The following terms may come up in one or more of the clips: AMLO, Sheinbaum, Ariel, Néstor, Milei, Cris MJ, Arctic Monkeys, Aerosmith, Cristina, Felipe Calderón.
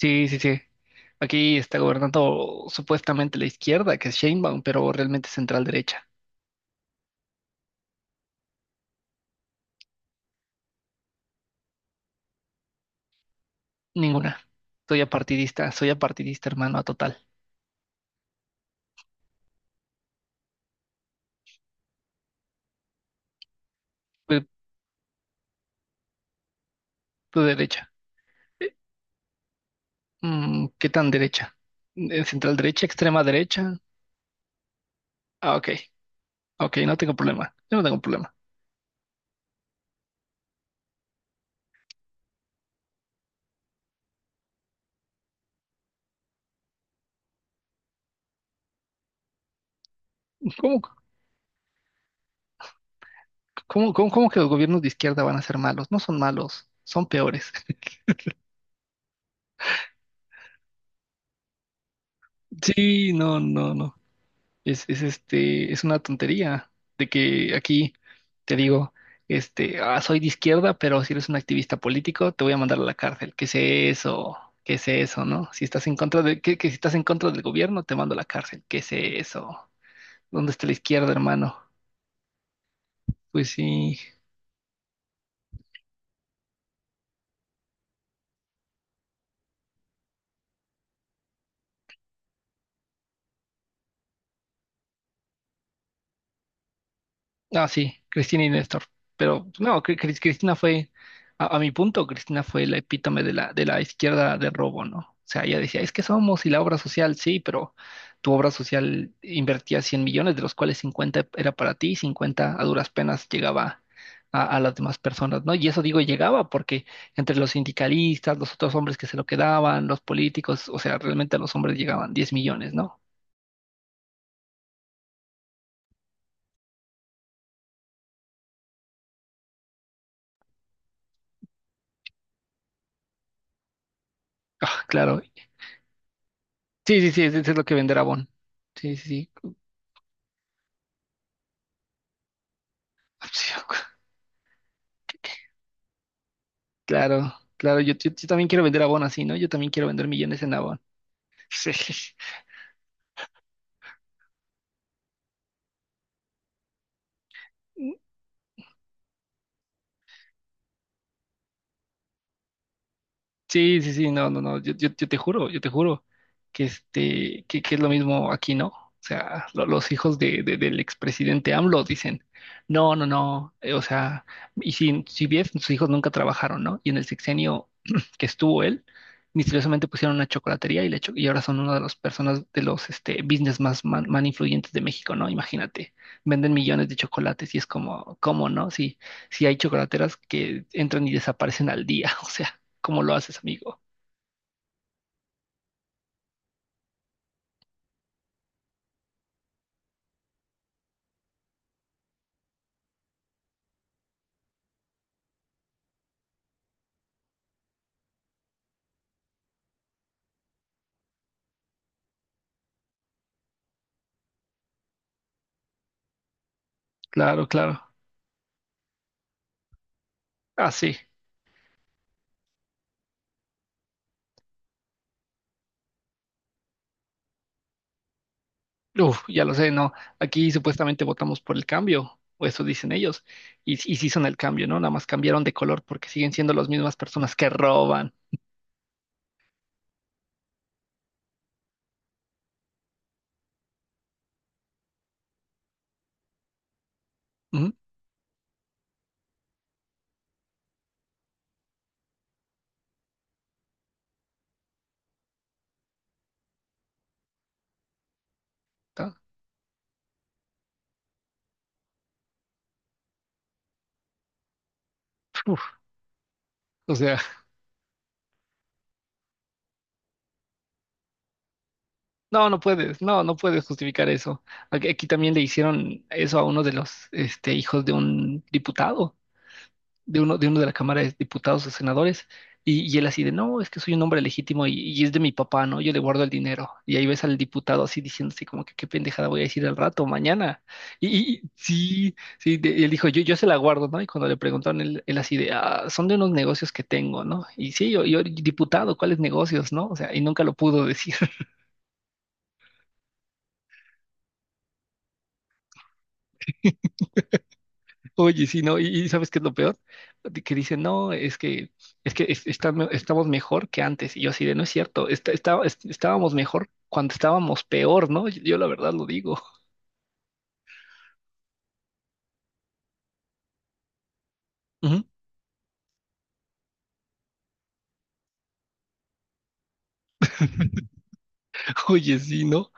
Sí, sí, sí. Aquí está gobernando supuestamente la izquierda, que es Sheinbaum, pero realmente central derecha. Ninguna. Soy apartidista, hermano, a total. Tú tú derecha. Eh, ¿Qué tan derecha? ¿Central derecha, extrema derecha? Ah, ok, ok, no tengo problema. Yo no tengo problema. ¿Cómo, cómo que los gobiernos de izquierda van a ser malos? No son malos, son peores. Sí, no, no, no. Es una tontería de que aquí te digo, soy de izquierda, pero si eres un activista político, te voy a mandar a la cárcel. ¿Qué es eso? ¿Qué es eso, no? Si estás en contra de, que si estás en contra del gobierno, te mando a la cárcel. ¿Qué es eso? ¿Dónde está la izquierda, hermano? Pues sí. Ah, sí, Cristina y Néstor. Pero no, Cristina fue, a mi punto, Cristina fue la epítome de la izquierda de robo, ¿no? O sea, ella decía, es que somos y la obra social, sí, pero tu obra social invertía 100 millones, de los cuales 50 era para ti y 50 a duras penas llegaba a las demás personas, ¿no? Y eso digo llegaba porque entre los sindicalistas, los otros hombres que se lo quedaban, los políticos, o sea, realmente a los hombres llegaban 10 millones, ¿no? Ah, claro. Sí, sí, sí, eso es lo que venderá Bon. Sí, sí, sí. Sí, claro, claro, yo también quiero vender abón así, ¿no? Yo también quiero vender millones en abón. Sí. Sí, sí, sí, no, no, no, yo te juro que que es lo mismo aquí, ¿no? O sea, los hijos del expresidente AMLO dicen, no, no, no, o sea, y si bien sus hijos nunca trabajaron, ¿no? Y en el sexenio que estuvo él, misteriosamente pusieron una chocolatería y ahora son una de las personas, de los business más influyentes de México, ¿no? Imagínate, venden millones de chocolates y es como, ¿cómo, no? Si, si hay chocolateras que entran y desaparecen al día, o sea. ¿Cómo lo haces, amigo? Claro, claro. Ah, sí. Uf, ya lo sé, ¿no? Aquí supuestamente votamos por el cambio, o eso dicen ellos. Y sí son el cambio, ¿no? Nada más cambiaron de color porque siguen siendo las mismas personas que roban. Ujú, ta- uf, o sea, no, no puedes, no, no puedes justificar eso. Aquí también le hicieron eso a uno de los hijos de un diputado. De uno de la Cámara de Diputados o Senadores, y él así de, no, es que soy un hombre legítimo y es de mi papá, ¿no? Yo le guardo el dinero. Y ahí ves al diputado así diciendo así como que qué pendejada voy a decir al rato, mañana. Y sí, sí, él dijo, yo se la guardo, ¿no? Y cuando le preguntaron, él así de, son de unos negocios que tengo, ¿no? Y sí, yo diputado, ¿cuáles negocios, no? O sea, y nunca lo pudo decir. Oye, sí, ¿no? Y ¿sabes qué es lo peor? De que dicen, no, es que es- está estamos mejor que antes. Y yo así de, no es cierto, estábamos mejor cuando estábamos peor, ¿no? Yo la verdad lo digo. Ujú. Oye, sí, ¿no?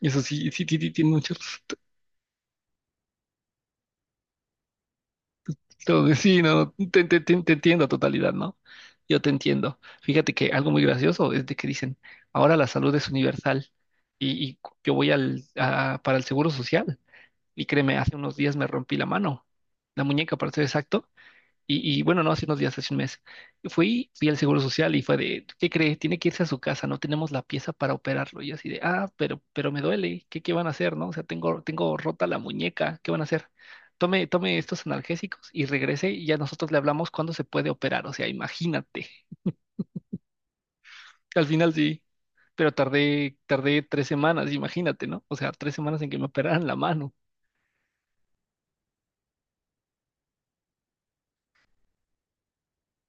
Eso sí, sí, sí, sí, tiene muchos. Entonces, sí, no, te entiendo a totalidad, ¿no? Yo te entiendo. Fíjate que algo muy gracioso es de que dicen, ahora la salud es universal y yo voy para el seguro social. Y créeme, hace unos días me rompí la mano, la muñeca para ser exacto. Y bueno, no hace unos días, hace un mes. Fui al Seguro Social y fue de, ¿qué cree? Tiene que irse a su casa, no tenemos la pieza para operarlo. Y yo así de, pero me duele, ¿qué van a hacer, no? O sea, tengo rota la muñeca, ¿qué van a hacer? Tome, tome estos analgésicos y regrese y ya nosotros le hablamos cuándo se puede operar. O sea, imagínate. Al final sí, pero tardé 3 semanas, imagínate, ¿no? O sea, 3 semanas en que me operaran la mano.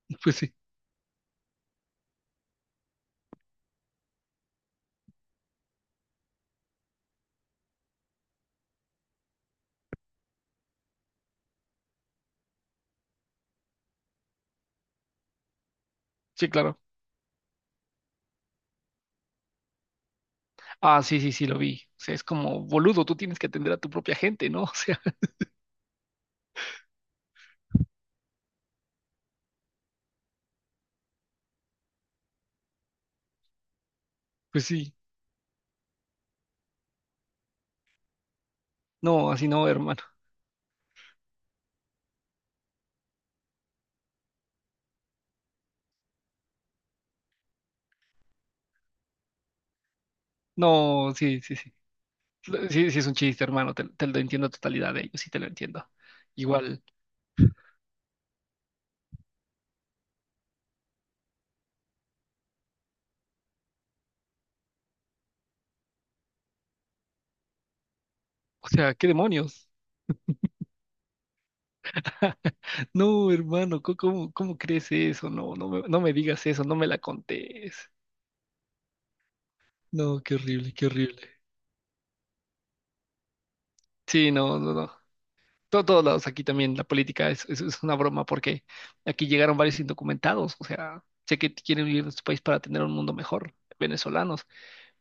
Pues sí, sí, claro. Ah, sí, sí, sí, lo vi. O sea, es como, boludo, tú tienes que atender a tu propia gente, ¿no? O sea, pues sí. No, así no, hermano. No, sí, sí, sí. Sí, sí, es un chiste, hermano. Te lo entiendo a totalidad de ellos, sí te lo entiendo. Igual, o sea, ¿qué demonios? No, hermano, ¿cómo crees eso? No, no me digas eso, no me la contés. No, qué horrible, qué horrible. Sí, no, no, no. Todos lados aquí también la política es una broma porque aquí llegaron varios indocumentados, o sea, sé que quieren vivir en su país para tener un mundo mejor, venezolanos,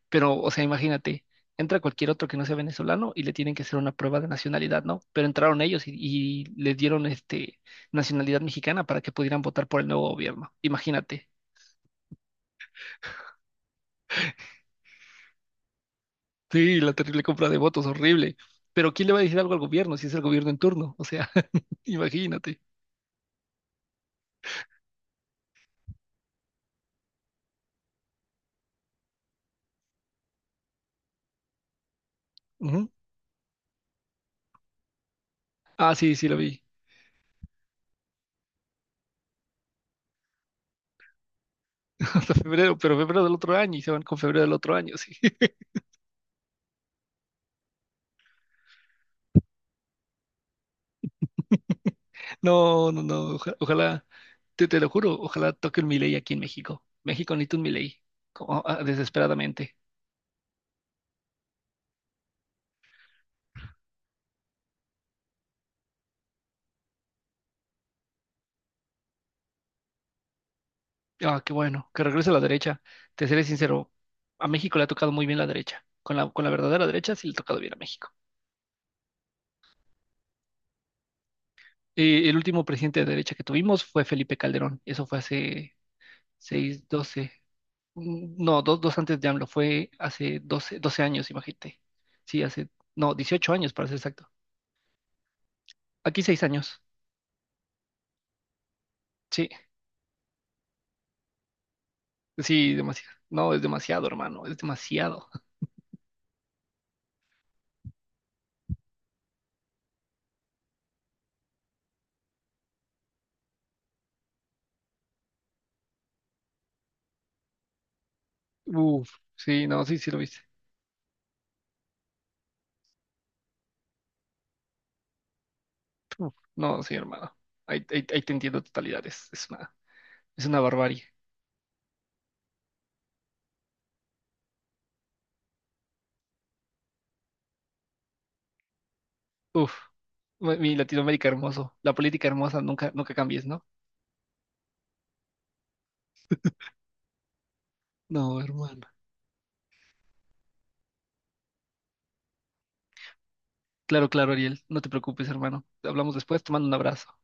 pero, o sea, imagínate, entra cualquier otro que no sea venezolano y le tienen que hacer una prueba de nacionalidad, ¿no? Pero entraron ellos y les dieron nacionalidad mexicana para que pudieran votar por el nuevo gobierno, imagínate. Sí, la terrible compra de votos, horrible. Pero ¿quién le va a decir algo al gobierno si es el gobierno en turno? O sea, imagínate. Ujú. Ah, sí, sí lo vi. Hasta febrero, pero febrero del otro año y se van con febrero del otro año, sí. No, no, no, ojalá, te lo juro, ojalá toque un Milei aquí en México. México necesita un Milei, como, desesperadamente. Ah, qué bueno, que regrese a la derecha. Te seré sincero, a México le ha tocado muy bien la derecha. Con la verdadera derecha sí le ha tocado bien a México. El último presidente de derecha que tuvimos fue Felipe Calderón. Eso fue hace 6 12 no, dos antes de AMLO, fue hace doce años, imagínate. Sí, hace, no, 18 años para ser exacto. Aquí 6 años. Sí, sí, demasiado. No, es demasiado, hermano, es demasiado. Uf, sí, no, sí, sí lo viste. Uf, no, sí, hermano. Ahí te entiendo totalidad. Es una barbarie. Uf, mi Latinoamérica hermoso. La política hermosa, nunca, nunca cambies, ¿no? No, hermano. Claro, claro, Ariel. No te preocupes, hermano. Hablamos después. Te mando un abrazo.